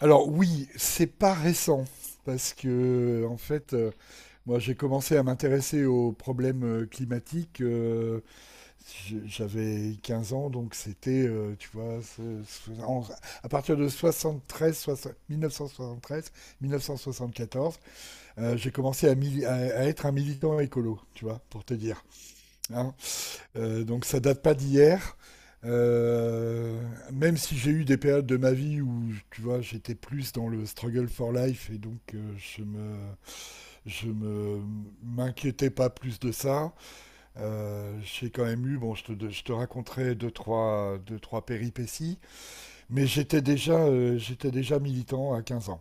Alors oui, c'est pas récent parce que en fait, moi j'ai commencé à m'intéresser aux problèmes climatiques. J'avais 15 ans, donc c'était, tu vois, à partir de 73, 1973, 1974, j'ai commencé à être un militant écolo, tu vois, pour te dire. Hein, donc ça date pas d'hier. Euh, Même si j'ai eu des périodes de ma vie où, tu vois, j'étais plus dans le struggle for life et donc je me, m'inquiétais pas plus de ça. J'ai quand même eu, bon, je te raconterai deux, trois péripéties, mais j'étais déjà militant à 15 ans.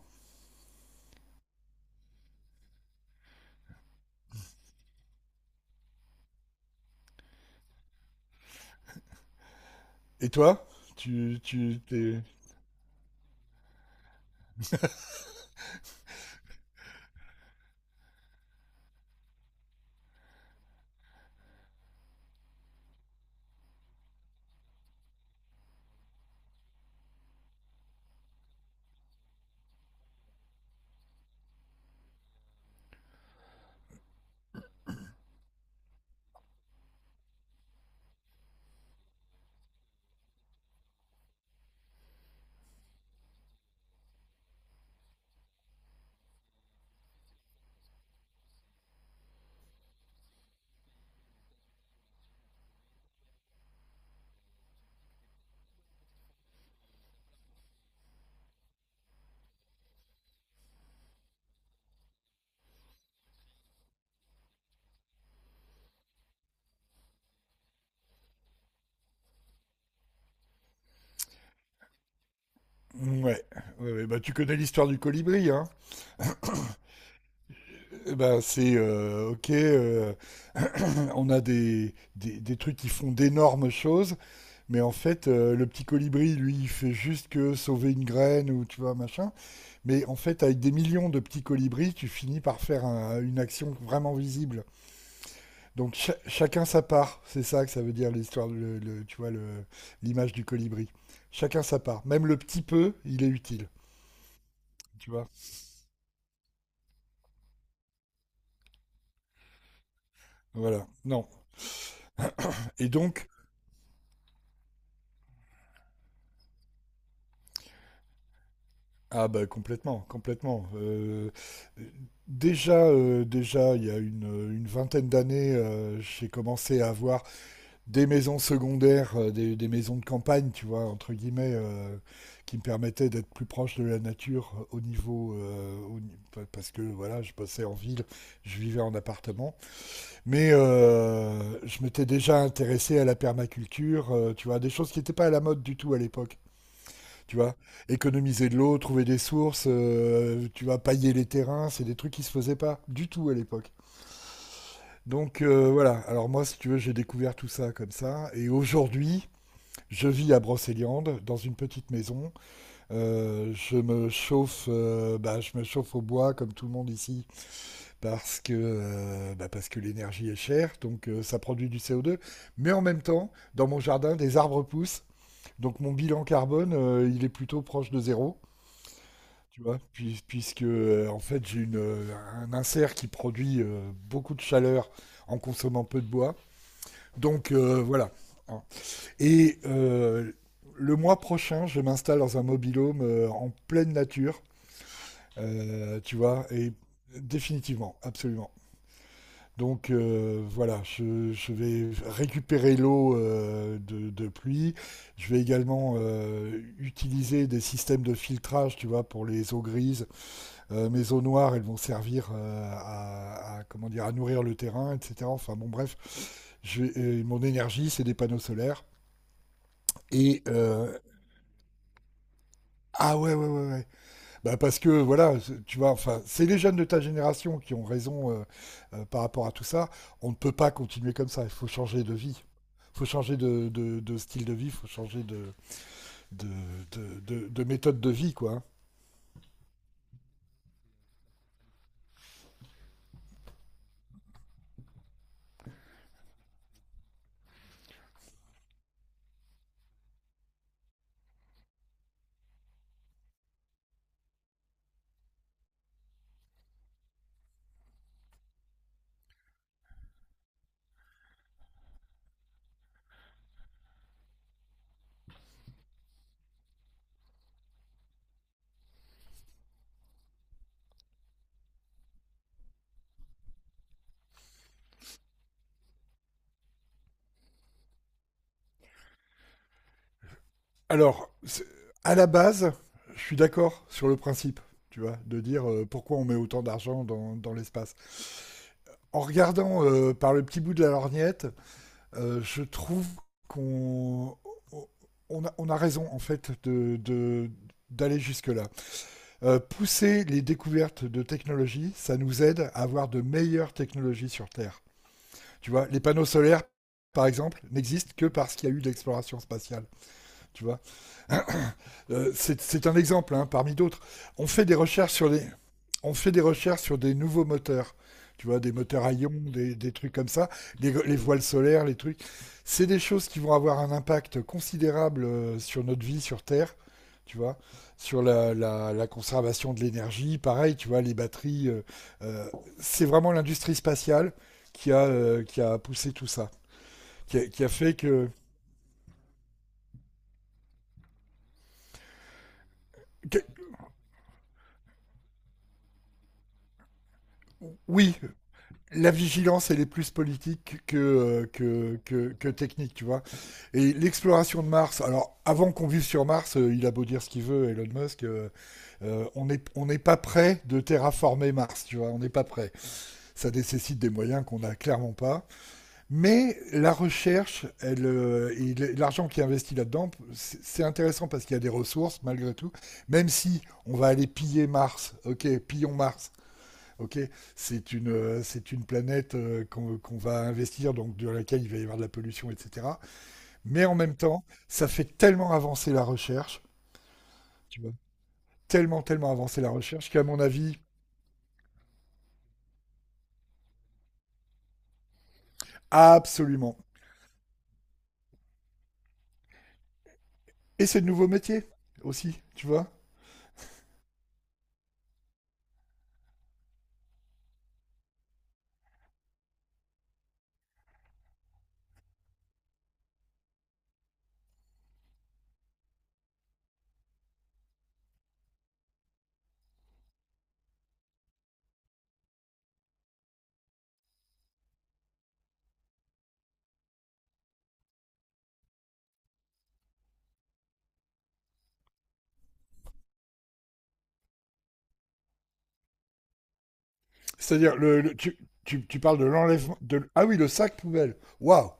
Et toi? T'es. Ouais, ouais, ouais, bah tu connais l'histoire du colibri, hein? Eh ben, c'est OK, on a des trucs qui font d'énormes choses, mais en fait, le petit colibri, lui, il fait juste que sauver une graine ou tu vois, machin. Mais en fait, avec des millions de petits colibris, tu finis par faire une action vraiment visible. Donc, chacun sa part. C'est ça que ça veut dire l'histoire, tu vois, l'image du colibri. Chacun sa part. Même le petit peu, il est utile. Tu vois? Voilà. Non. Et donc, ah bah complètement, complètement. Déjà, il y a une vingtaine d'années, j'ai commencé à avoir des maisons secondaires, des maisons de campagne, tu vois, entre guillemets, qui me permettaient d'être plus proche de la nature au niveau, au ni- pa- parce que voilà, je passais en ville, je vivais en appartement, mais je m'étais déjà intéressé à la permaculture, tu vois, des choses qui n'étaient pas à la mode du tout à l'époque. Tu vois, économiser de l'eau, trouver des sources, tu vois, pailler les terrains, c'est des trucs qui se faisaient pas du tout à l'époque. Donc voilà, alors moi, si tu veux, j'ai découvert tout ça comme ça. Et aujourd'hui, je vis à Brocéliande, dans une petite maison. Je me chauffe au bois, comme tout le monde ici, parce que l'énergie est chère, donc ça produit du CO2. Mais en même temps, dans mon jardin, des arbres poussent. Donc mon bilan carbone, il est plutôt proche de zéro. Tu vois, puisque en fait j'ai un insert qui produit beaucoup de chaleur en consommant peu de bois. Donc voilà. Hein. Et le mois prochain, je m'installe dans un mobilhome en pleine nature, tu vois, et définitivement, absolument. Donc voilà, je vais récupérer l'eau de pluie. Je vais également utiliser des systèmes de filtrage, tu vois, pour les eaux grises mes eaux noires, elles vont servir à, comment dire, à nourrir le terrain, etc. Enfin bon, bref, mon énergie, c'est des panneaux solaires. Et ah ouais, ouais, ouais, ouais. Bah parce que voilà, tu vois, enfin, c'est les jeunes de ta génération qui ont raison par rapport à tout ça. On ne peut pas continuer comme ça. Il faut changer de vie. Il faut changer de style de vie. Il faut changer de, de méthode de vie, quoi. Alors, à la base, je suis d'accord sur le principe, tu vois, de dire pourquoi on met autant d'argent dans l'espace. En regardant par le petit bout de la lorgnette, je trouve qu'on a raison, en fait, d'aller jusque-là. Pousser les découvertes de technologies, ça nous aide à avoir de meilleures technologies sur Terre. Tu vois, les panneaux solaires, par exemple, n'existent que parce qu'il y a eu de l'exploration spatiale, tu vois, c'est un exemple, hein, parmi d'autres. On fait des recherches sur des nouveaux moteurs. Tu vois, des moteurs à ions, des trucs comme ça, les voiles solaires, les trucs. C'est des choses qui vont avoir un impact considérable sur notre vie sur Terre, tu vois, sur la conservation de l'énergie. Pareil, tu vois, les batteries. Euh, c'est vraiment l'industrie spatiale qui a poussé tout ça, qui a fait que, que- oui, la vigilance, elle est plus politique que, que technique, tu vois. Et l'exploration de Mars, alors avant qu'on vive sur Mars, il a beau dire ce qu'il veut, Elon Musk, on n'est pas prêt de terraformer Mars, tu vois, on n'est pas prêt. Ça nécessite des moyens qu'on n'a clairement pas. Mais la recherche, elle, l'argent qui est investi là-dedans, c'est intéressant parce qu'il y a des ressources malgré tout. Même si on va aller piller Mars, ok, pillons Mars, ok, c'est une planète qu'on va investir, donc dans laquelle il va y avoir de la pollution, etc. Mais en même temps, ça fait tellement avancer la recherche, tu vois, tellement, tellement avancer la recherche qu'à mon avis, absolument. Et c'est de nouveaux métiers aussi, tu vois. C'est-à-dire, tu parles de l'enlèvement, ah oui, le sac poubelle. Waouh!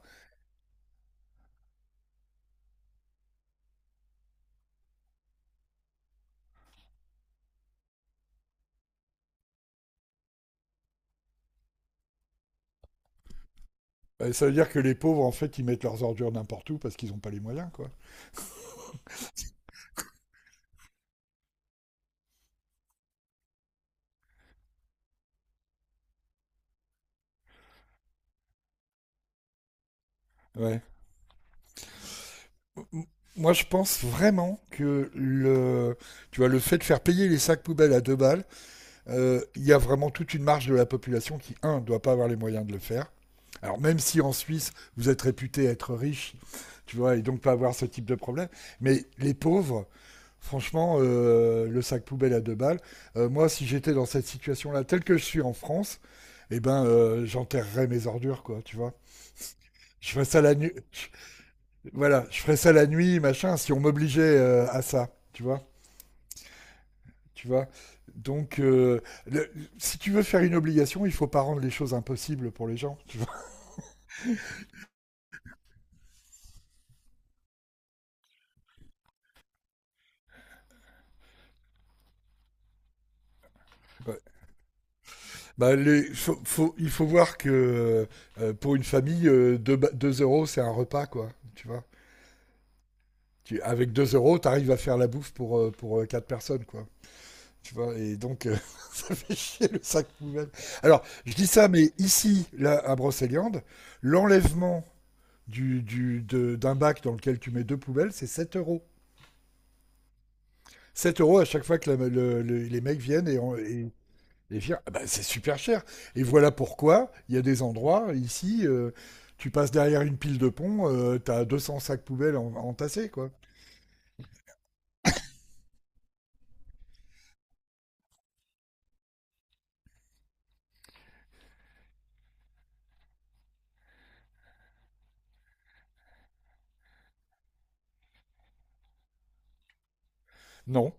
Ça veut dire que les pauvres, en fait, ils mettent leurs ordures n'importe où parce qu'ils n'ont pas les moyens, quoi. Ouais. Moi, je pense vraiment que tu vois, le fait de faire payer les sacs poubelles à 2 balles. Euh, il y a vraiment toute une marge de la population qui, un, ne doit pas avoir les moyens de le faire. Alors, même si en Suisse, vous êtes réputé être riche, tu vois, et donc pas avoir ce type de problème, mais les pauvres, franchement, le sac poubelle à 2 balles, moi, si j'étais dans cette situation-là, telle que je suis en France, eh ben, j'enterrerais mes ordures, quoi, tu vois. Je ferais ça la nuit, voilà, je ferais ça la nuit, machin, si on m'obligeait à ça, tu vois. Donc, le- si tu veux faire une obligation, il faut pas rendre les choses impossibles pour les gens, tu vois. Ouais. Bah, il faut voir que pour une famille, 2 euros, c'est un repas, quoi, tu vois. Avec 2 euros, t'arrives à faire la bouffe pour 4 personnes, quoi. Tu vois, et donc, ça fait chier le sac poubelle. Alors, je dis ça, mais ici, là, à Brocéliande, l'enlèvement d'un bac dans lequel tu mets deux poubelles, c'est 7 euros. 7 euros à chaque fois que les mecs viennent et virent. Ah bah, c'est super cher. Et voilà pourquoi il y a des endroits ici, tu passes derrière une pile de pont, tu as 200 sacs poubelles entassés, quoi. Non,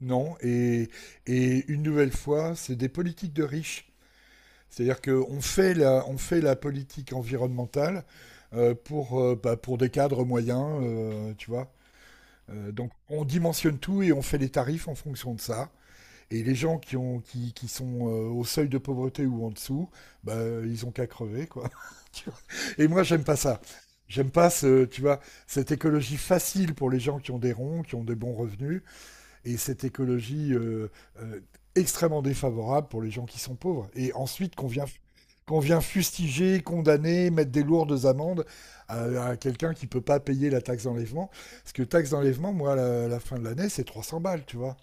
non. Et une nouvelle fois, c'est des politiques de riches. C'est-à-dire qu'on fait on fait la politique environnementale pour des cadres moyens, tu vois. Donc on dimensionne tout et on fait les tarifs en fonction de ça. Et les gens qui sont au seuil de pauvreté ou en dessous, bah, ils ont qu'à crever quoi. Tu vois, et moi j'aime pas ça. J'aime pas tu vois, cette écologie facile pour les gens qui ont des ronds, qui ont des bons revenus, et cette écologie euh, extrêmement défavorable pour les gens qui sont pauvres. Et ensuite qu'on vient fustiger, condamner, mettre des lourdes amendes à quelqu'un qui peut pas payer la taxe d'enlèvement. Parce que taxe d'enlèvement, moi, à la fin de l'année, c'est 300 balles, tu vois.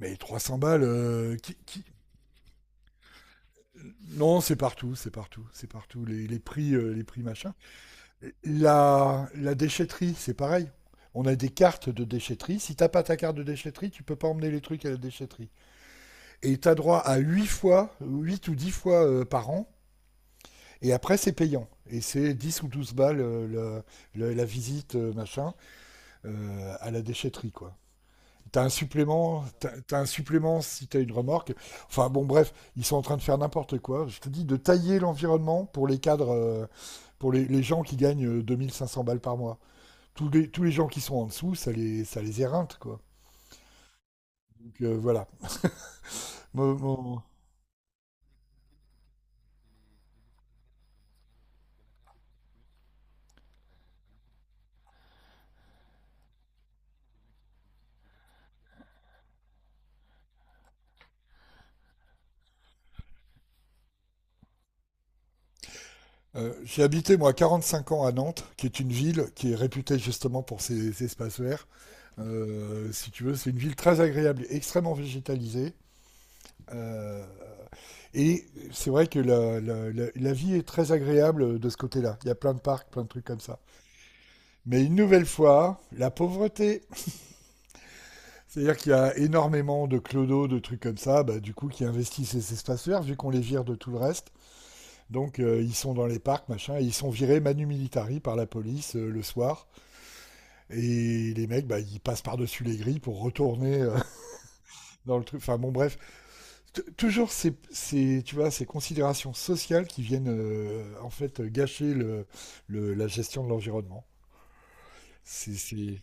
Mais 300 balles. Non, c'est partout, c'est partout, c'est partout. Les prix machin. La déchetterie, c'est pareil. On a des cartes de déchetterie. Si t'as pas ta carte de déchetterie, tu peux pas emmener les trucs à la déchetterie. Et tu as droit à 8 ou 10 fois par an. Et après, c'est payant. Et c'est 10 ou 12 balles la visite, machin, à la déchetterie, quoi. T'as un supplément, t'as un supplément si t'as une remorque. Enfin bon, bref, ils sont en train de faire n'importe quoi. Je te dis de tailler l'environnement pour les cadres, pour les gens qui gagnent 2500 balles par mois. Tous les gens qui sont en dessous, ça les éreinte, quoi. Donc voilà. Mon- mon- j'ai habité moi 45 ans à Nantes, qui est une ville qui est réputée justement pour ses espaces verts. Si tu veux, c'est une ville très agréable, extrêmement végétalisée. Euh, et c'est vrai que la vie est très agréable de ce côté-là. Il y a plein de parcs, plein de trucs comme ça. Mais une nouvelle fois, la pauvreté. C'est-à-dire qu'il y a énormément de clodos, de trucs comme ça, bah, du coup, qui investissent ces espaces verts, vu qu'on les vire de tout le reste. Donc, ils sont dans les parcs, machin, et ils sont virés manu militari par la police le soir. Et les mecs, bah, ils passent par-dessus les grilles pour retourner dans le truc. Enfin bon, bref, toujours ces considérations sociales qui viennent en fait gâcher la gestion de l'environnement. C'est, c'est-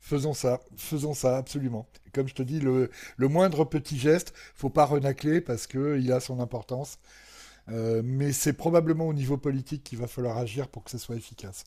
Faisons ça absolument. Et comme je te dis, le moindre petit geste, faut pas renacler parce que il a son importance. Mais c'est probablement au niveau politique qu'il va falloir agir pour que ce soit efficace.